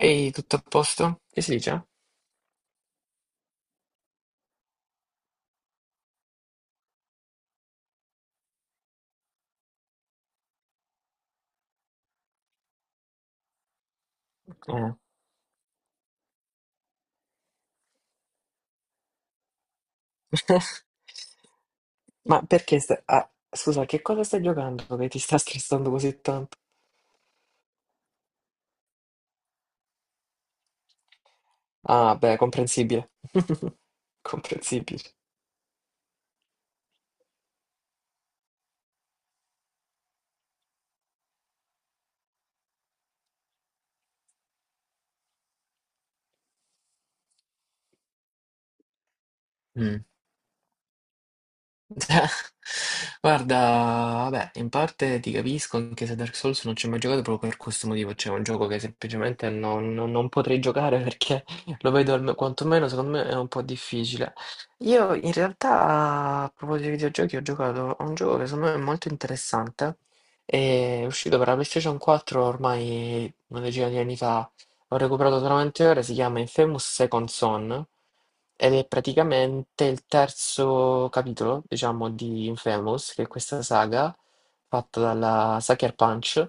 Ehi, tutto a posto? Che si dice? Eh, ma perché stai... ah, scusa, che cosa stai giocando che ti sta stressando così tanto? Ah, beh, comprensibile, comprensibile. Guarda, vabbè, in parte ti capisco, anche se Dark Souls non ci ho mai giocato proprio per questo motivo, cioè è un gioco che semplicemente non potrei giocare perché lo vedo quantomeno secondo me è un po' difficile. Io in realtà, a proposito di videogiochi, ho giocato a un gioco che secondo me è molto interessante, è uscito per la PlayStation 4 ormai una decina di anni fa, ho recuperato solamente ora, si chiama Infamous Second Son, ed è praticamente il terzo capitolo, diciamo, di Infamous, che è questa saga fatta dalla Sucker Punch.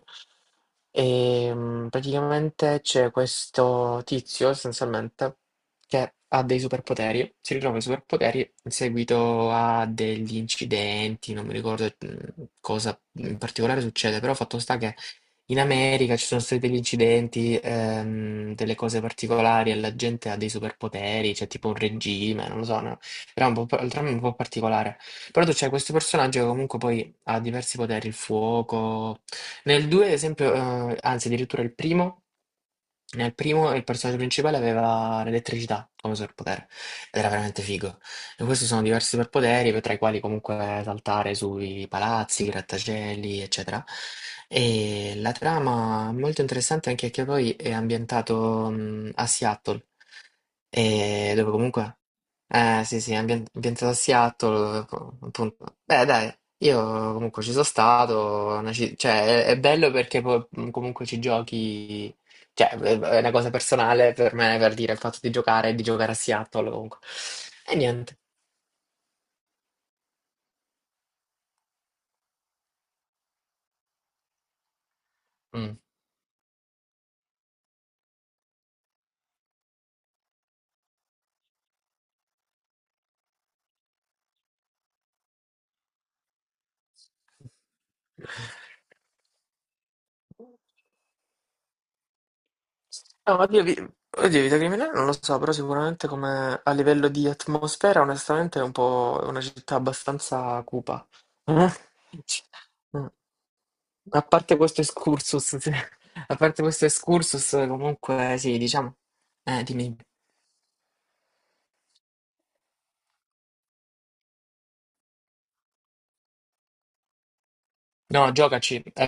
E praticamente c'è questo tizio, essenzialmente, che ha dei superpoteri, si ritrova i superpoteri in seguito a degli incidenti, non mi ricordo cosa in particolare succede, però fatto sta che in America ci sono stati degli incidenti, delle cose particolari e la gente ha dei superpoteri, c'è tipo un regime, non lo so, no? Però è un po', il dramma è un po' particolare. Però tu c'è questo personaggio che comunque poi ha diversi poteri, il fuoco. Nel 2, ad esempio, anzi addirittura il primo, nel primo il personaggio principale aveva l'elettricità come superpotere ed era veramente figo. E questi sono diversi superpoteri, tra i quali comunque saltare sui palazzi, i grattacieli, eccetera. E la trama è molto interessante anche perché poi è ambientato a Seattle, e dove comunque sì, sì, ambientato a Seattle, co- appunto. Beh, dai, io comunque ci sono stato, è una cioè, è bello perché poi, comunque ci giochi, cioè, è una cosa personale per me, per dire, il fatto di giocare a Seattle, comunque. E niente. Mm. No, oddio, oddio, Vita Criminale non lo so, però sicuramente come a livello di atmosfera, onestamente è un po' è una città abbastanza cupa. Mm. A parte questo excursus, sì. A parte questo excursus, comunque sì, diciamo... dimmi. No, giocaci, è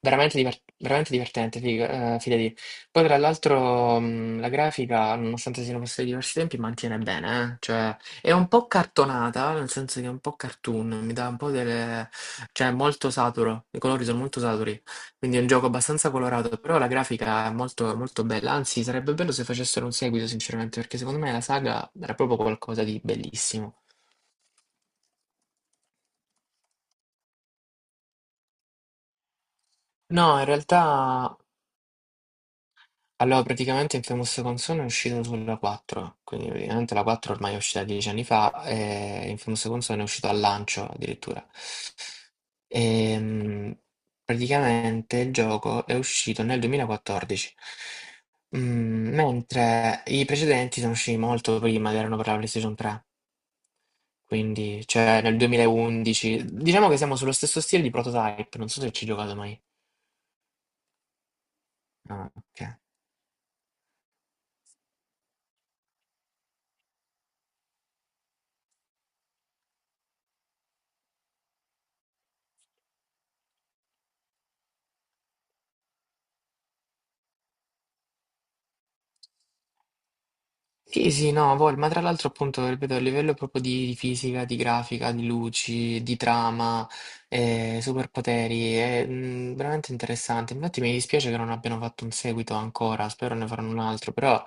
veramente, veramente divertente, fidati. Poi tra l'altro la grafica, nonostante siano passati diversi tempi, mantiene bene, eh. Cioè è un po' cartonata, nel senso che è un po' cartoon, mi dà un po' delle... cioè è molto saturo, i colori sono molto saturi, quindi è un gioco abbastanza colorato, però la grafica è molto, molto bella, anzi sarebbe bello se facessero un seguito sinceramente, perché secondo me la saga era proprio qualcosa di bellissimo. No, in realtà allora, praticamente Infamous Console è uscito sulla 4, quindi praticamente la 4 ormai è uscita 10 anni fa e Infamous Console è uscito al lancio addirittura. Ehm, praticamente il gioco è uscito nel 2014, mm, mentre i precedenti sono usciti molto prima ed erano per la PlayStation 3, quindi cioè nel 2011. Diciamo che siamo sullo stesso stile di Prototype, non so se ci hai giocato mai. Ah, ok. Sì, sì, no, vol, ma tra l'altro appunto, ripeto, a livello proprio di fisica, di grafica, di luci, di trama, superpoteri, è veramente interessante. Infatti mi dispiace che non abbiano fatto un seguito ancora, spero ne faranno un altro, però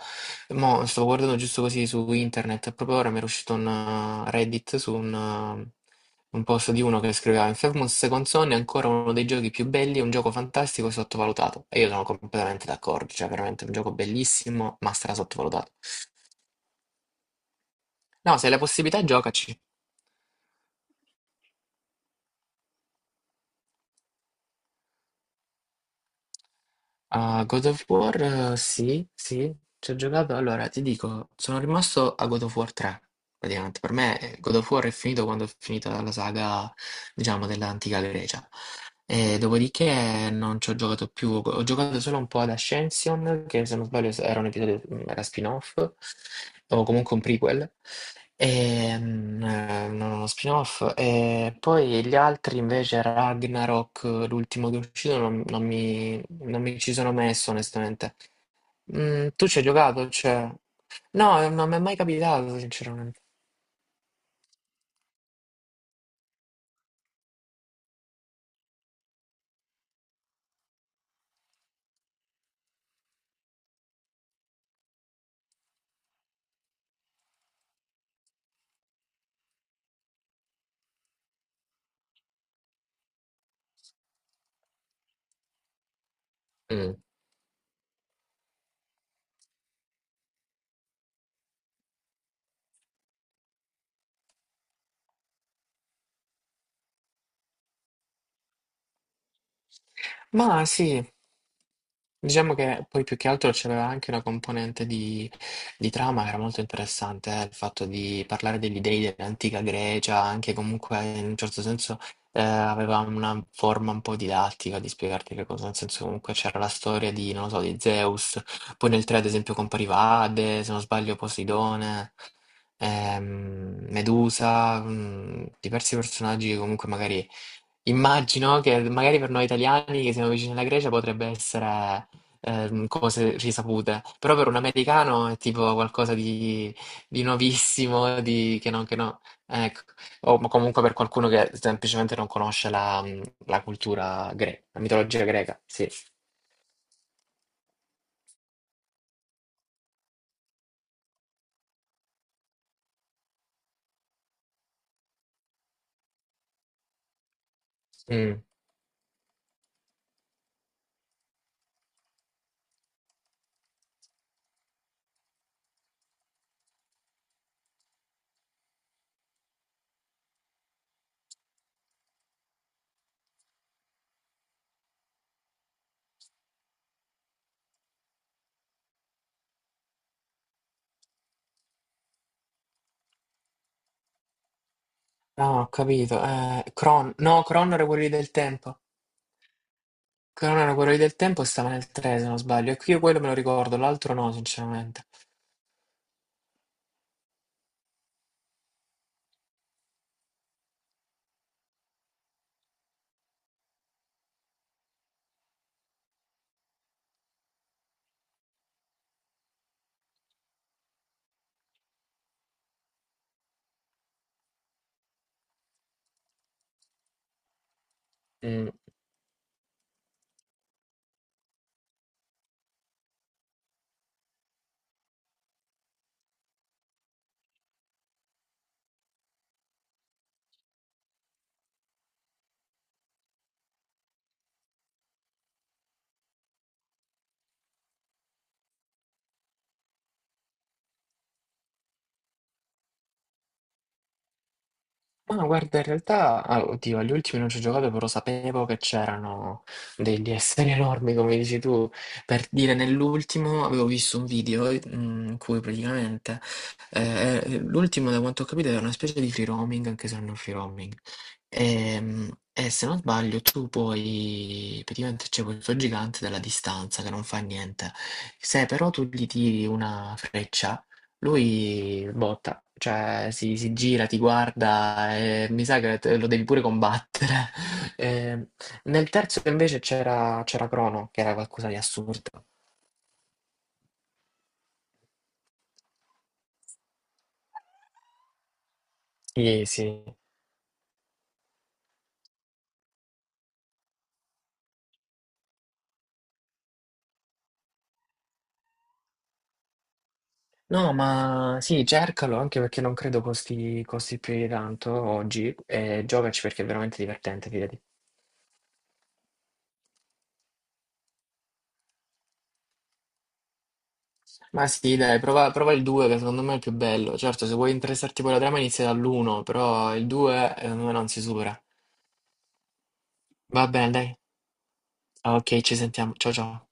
mo, stavo guardando giusto così su internet, e proprio ora mi era uscito un Reddit su un post di uno che scriveva Infamous Second Son è ancora uno dei giochi più belli, è un gioco fantastico e sottovalutato. E io sono completamente d'accordo, cioè veramente è un gioco bellissimo, ma stra sottovalutato. No, se hai la possibilità, giocaci. A God of War, sì, sì, ci ho giocato. Allora, ti dico, sono rimasto a God of War 3, praticamente. Per me God of War è finito quando è finita la saga, diciamo, dell'antica Grecia. E dopodiché non ci ho giocato più, ho giocato solo un po' ad Ascension, che se non sbaglio era un episodio, era spin-off, o comunque un prequel, e, non uno spin-off. E poi gli altri invece Ragnarok, l'ultimo che è uscito, non mi ci sono messo onestamente. Mm, tu ci hai giocato? Cioè... No, non mi è mai capitato sinceramente. Mm. Ma sì. Diciamo che poi più che altro c'aveva anche una componente di trama che era molto interessante, il fatto di parlare degli dei dell'antica Grecia, anche comunque in un certo senso aveva una forma un po' didattica di spiegarti che cosa, nel senso comunque c'era la storia di, non lo so, di Zeus, poi nel 3 ad esempio compariva Ade, se non sbaglio Poseidone, Medusa, diversi personaggi che comunque magari immagino che magari per noi italiani che siamo vicini alla Grecia potrebbe essere cose risapute, però per un americano è tipo qualcosa di nuovissimo, di, che non, che no. Ecco. O ma comunque per qualcuno che semplicemente non conosce la, la cultura greca, la mitologia greca, sì. Mm. No, ho capito. Cron, no, Cron era quello lì del tempo. Cron era quello lì del tempo e stava nel 3, se non sbaglio. E qui io quello me lo ricordo, l'altro no, sinceramente. Ma no, guarda, in realtà, ah, oddio, agli ultimi non ci ho giocato, però sapevo che c'erano degli esseri enormi, come dici tu. Per dire, nell'ultimo avevo visto un video in cui praticamente l'ultimo, da quanto ho capito, era una specie di free roaming, anche se non è un free roaming. Ehm, E, se non sbaglio, tu puoi, praticamente c'è questo gigante della distanza che non fa niente. Se però tu gli tiri una freccia, lui botta, cioè si gira, ti guarda e mi sa che lo devi pure combattere. Eh, nel terzo invece c'era Crono, che era qualcosa di assurdo. Sì, sì. No, ma sì, cercalo anche perché non credo costi più di tanto oggi e giocaci perché è veramente divertente, fidati. Ma sì, dai, prova il 2 che secondo me è il più bello. Certo, se vuoi interessarti poi alla trama inizia dall'1, però il 2 secondo me non si supera. Va bene, dai. Ok, ci sentiamo. Ciao ciao.